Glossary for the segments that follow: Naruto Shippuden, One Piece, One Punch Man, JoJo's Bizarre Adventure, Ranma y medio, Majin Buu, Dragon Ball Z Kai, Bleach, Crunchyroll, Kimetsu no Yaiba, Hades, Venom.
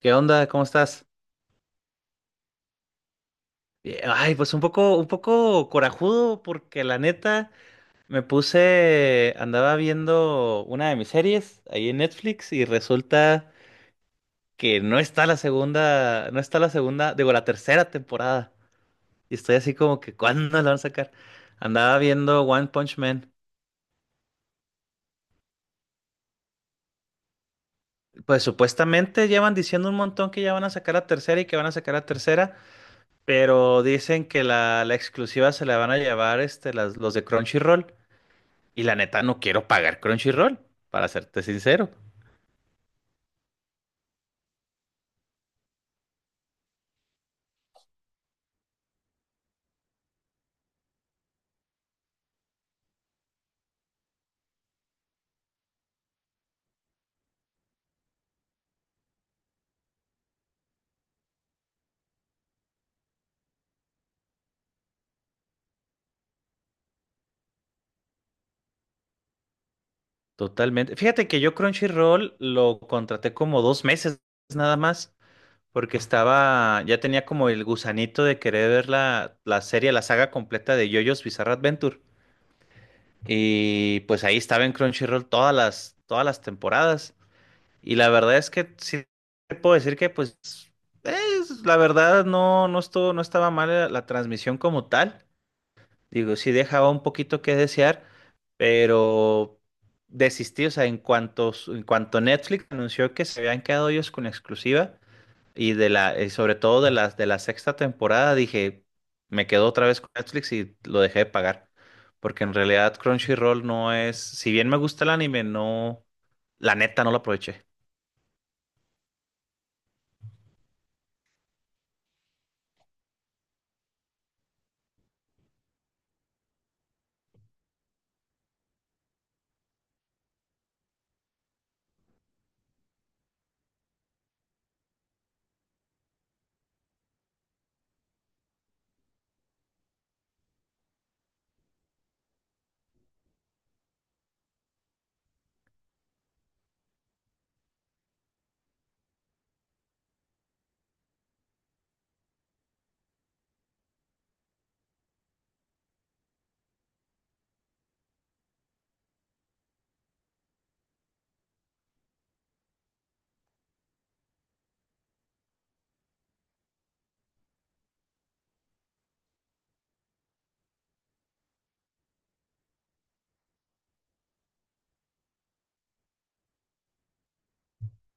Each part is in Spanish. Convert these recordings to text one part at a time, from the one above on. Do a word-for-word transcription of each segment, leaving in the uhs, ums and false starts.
¿Qué onda? ¿Cómo estás? Bien. Ay, pues un poco, un poco corajudo porque la neta me puse, andaba viendo una de mis series ahí en Netflix y resulta que no está la segunda, no está la segunda, digo, la tercera temporada. Y estoy así como que, ¿cuándo la van a sacar? Andaba viendo One Punch Man. Pues supuestamente llevan diciendo un montón que ya van a sacar la tercera y que van a sacar la tercera, pero dicen que la, la exclusiva se la van a llevar este, las, los de Crunchyroll. Y la neta no quiero pagar Crunchyroll, para serte sincero. Totalmente. Fíjate que yo Crunchyroll lo contraté como dos meses nada más, porque estaba, ya tenía como el gusanito de querer ver la, la serie, la saga completa de JoJo's Bizarre Adventure. Y pues ahí estaba en Crunchyroll todas las, todas las temporadas. Y la verdad es que sí te puedo decir que pues es, la verdad no, no estuvo, no estaba mal la, la transmisión como tal. Digo, sí dejaba un poquito que desear, pero desistí, o sea, en cuanto, su- en cuanto Netflix anunció que se habían quedado ellos con la exclusiva y de la, y sobre todo de las de la sexta temporada, dije, me quedo otra vez con Netflix y lo dejé de pagar, porque en realidad Crunchyroll no es, si bien me gusta el anime, no, la neta no lo aproveché.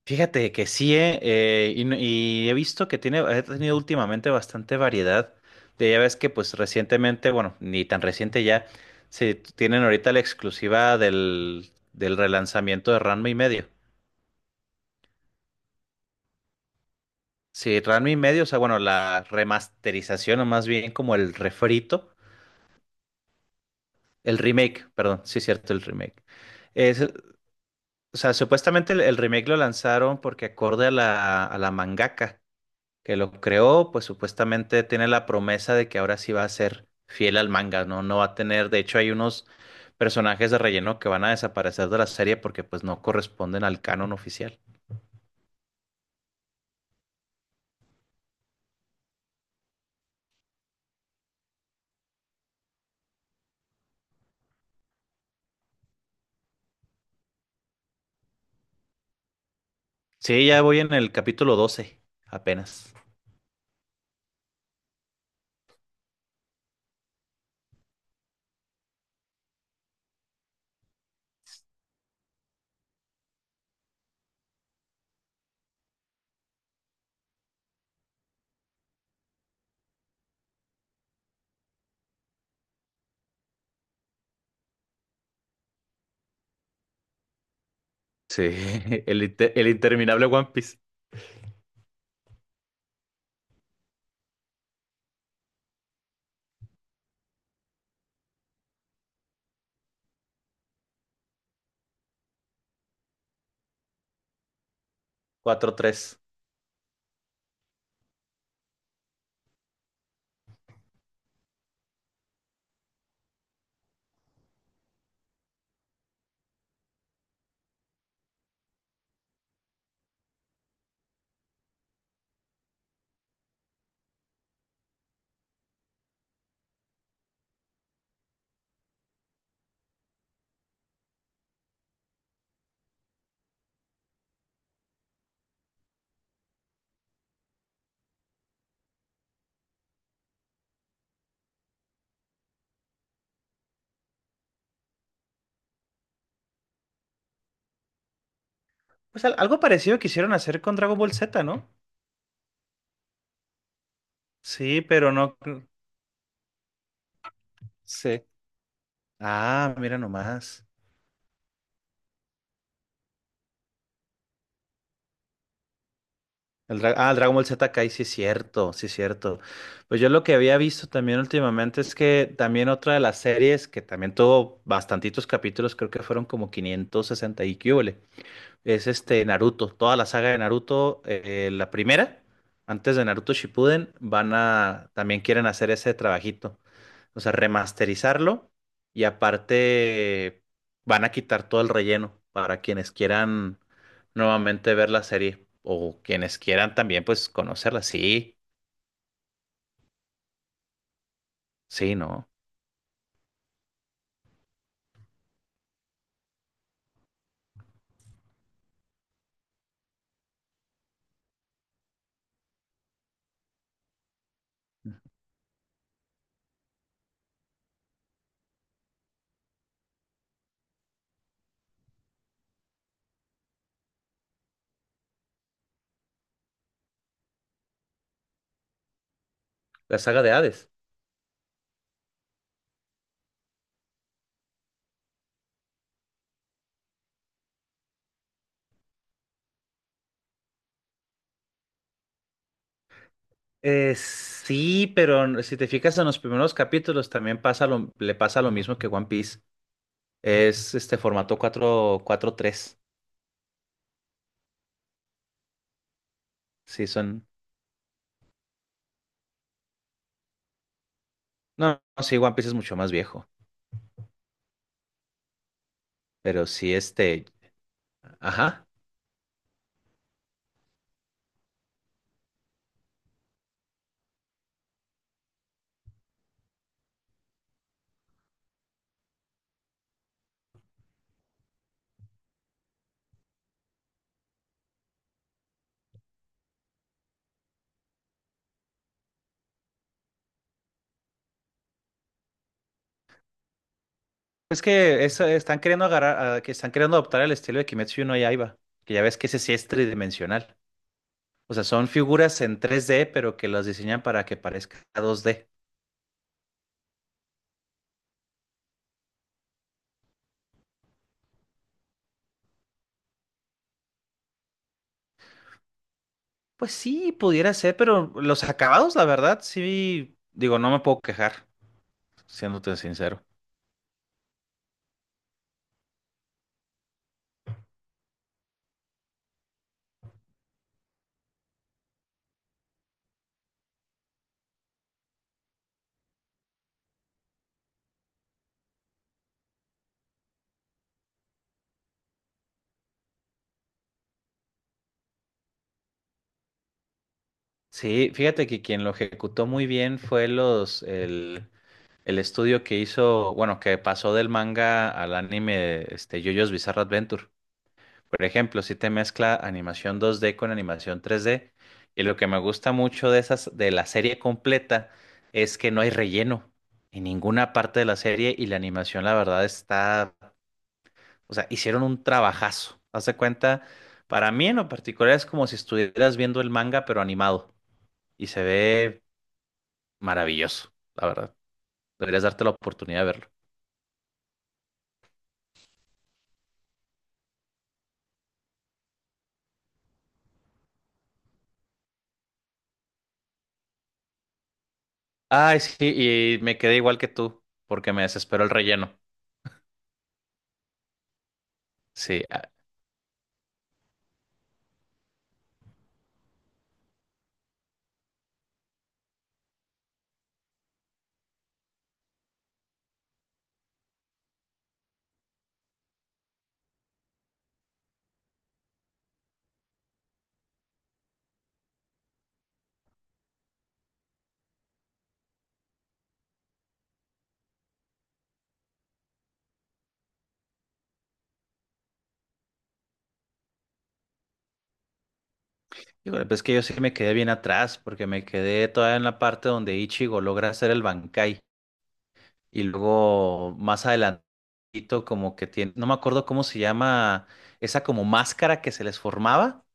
Fíjate que sí, eh, eh, y, no- y he visto que tiene, ha tenido últimamente bastante variedad. De, ya ves que pues recientemente, bueno, ni tan reciente ya, se tienen ahorita la exclusiva del, del relanzamiento de Ranma y medio. Sí, Ranma y medio, o sea, bueno, la remasterización o más bien como el refrito, el remake, perdón, sí es cierto, el remake. Es, o sea, supuestamente el, el remake lo lanzaron porque acorde a la, a la mangaka. Que lo creó, pues supuestamente tiene la promesa de que ahora sí va a ser fiel al manga, ¿no? No va a tener, de hecho hay unos personajes de relleno que van a desaparecer de la serie porque pues no corresponden al canon oficial. Sí, ya voy en el capítulo doce, apenas. Sí, el, inte- el interminable One Piece cuatro tres. Pues al- algo parecido quisieron hacer con Dragon Ball Z, ¿no? Sí, pero no. Mm. Sí. Ah, mira nomás. El Dra- ah, el Dragon Ball Z Kai, sí es cierto, sí es cierto. Pues yo lo que había visto también últimamente es que también otra de las series que también tuvo bastantitos capítulos, creo que fueron como quinientos sesenta y quíbole, es este Naruto. Toda la saga de Naruto, eh, eh, la primera, antes de Naruto Shippuden, van a, también quieren hacer ese trabajito. O sea, remasterizarlo y aparte van a quitar todo el relleno para quienes quieran nuevamente ver la serie o quienes quieran también pues conocerla. Sí, sí, ¿no? La saga de Hades. Eh, sí, pero si te fijas en los primeros capítulos también pasa lo, le pasa lo mismo que One Piece. Es este formato cuatro cuatro tres. Sí, son... No, no, sí, One Piece es mucho más viejo, pero sí este. Ajá. Es que eso- están queriendo agarrar, ah, que están queriendo adoptar el estilo de Kimetsu no Yaiba, que ya ves que ese sí es tridimensional. O sea, son figuras en tres D, pero que las diseñan para que parezca dos D. Pues sí, pudiera ser, pero los acabados, la verdad, sí, digo, no me puedo quejar, siéndote sincero. Sí, fíjate que quien lo ejecutó muy bien fue los, el, el estudio que hizo, bueno, que pasó del manga al anime, este, JoJo's Bizarre Adventure. Por ejemplo, si te mezcla animación dos D con animación tres D, y lo que me gusta mucho de esas, de la serie completa, es que no hay relleno en ninguna parte de la serie y la animación, la verdad, está, o sea, hicieron un trabajazo. Haz de cuenta, para mí en lo particular es como si estuvieras viendo el manga, pero animado, y se ve maravilloso, la verdad. Deberías darte la oportunidad de verlo. Ay, sí, y me quedé igual que tú, porque me desesperó el relleno. Sí, ah, híjole, pues es que yo sí me quedé bien atrás porque me quedé todavía en la parte donde Ichigo logra hacer el Bankai y luego más adelantito como que tiene, no me acuerdo cómo se llama esa como máscara que se les formaba,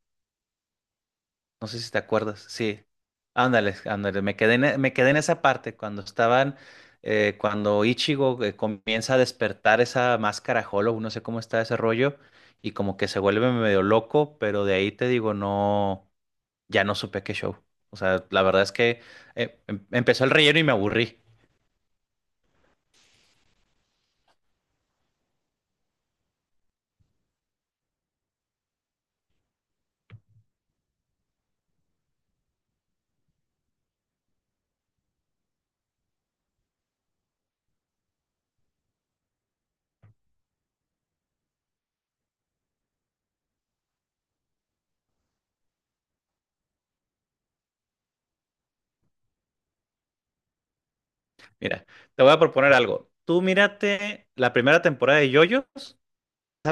no sé si te acuerdas, sí, ándale, ándale, me quedé en, e- me quedé en esa parte cuando estaban, eh, cuando Ichigo eh, comienza a despertar esa máscara Hollow, no sé cómo está ese rollo y como que se vuelve medio loco, pero de ahí te digo, no ya no supe qué show. O sea, la verdad es que eh, em- empezó el relleno y me aburrí. Mira, te voy a proponer algo. Tú mírate la primera temporada de JoJo's. Es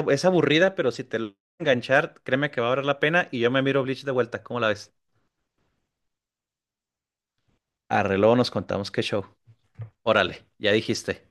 ab- es aburrida, pero si te logra enganchar, créeme que va a valer la pena y yo me miro Bleach de vuelta. ¿Cómo la ves? Arre, luego nos contamos qué show. Órale, ya dijiste.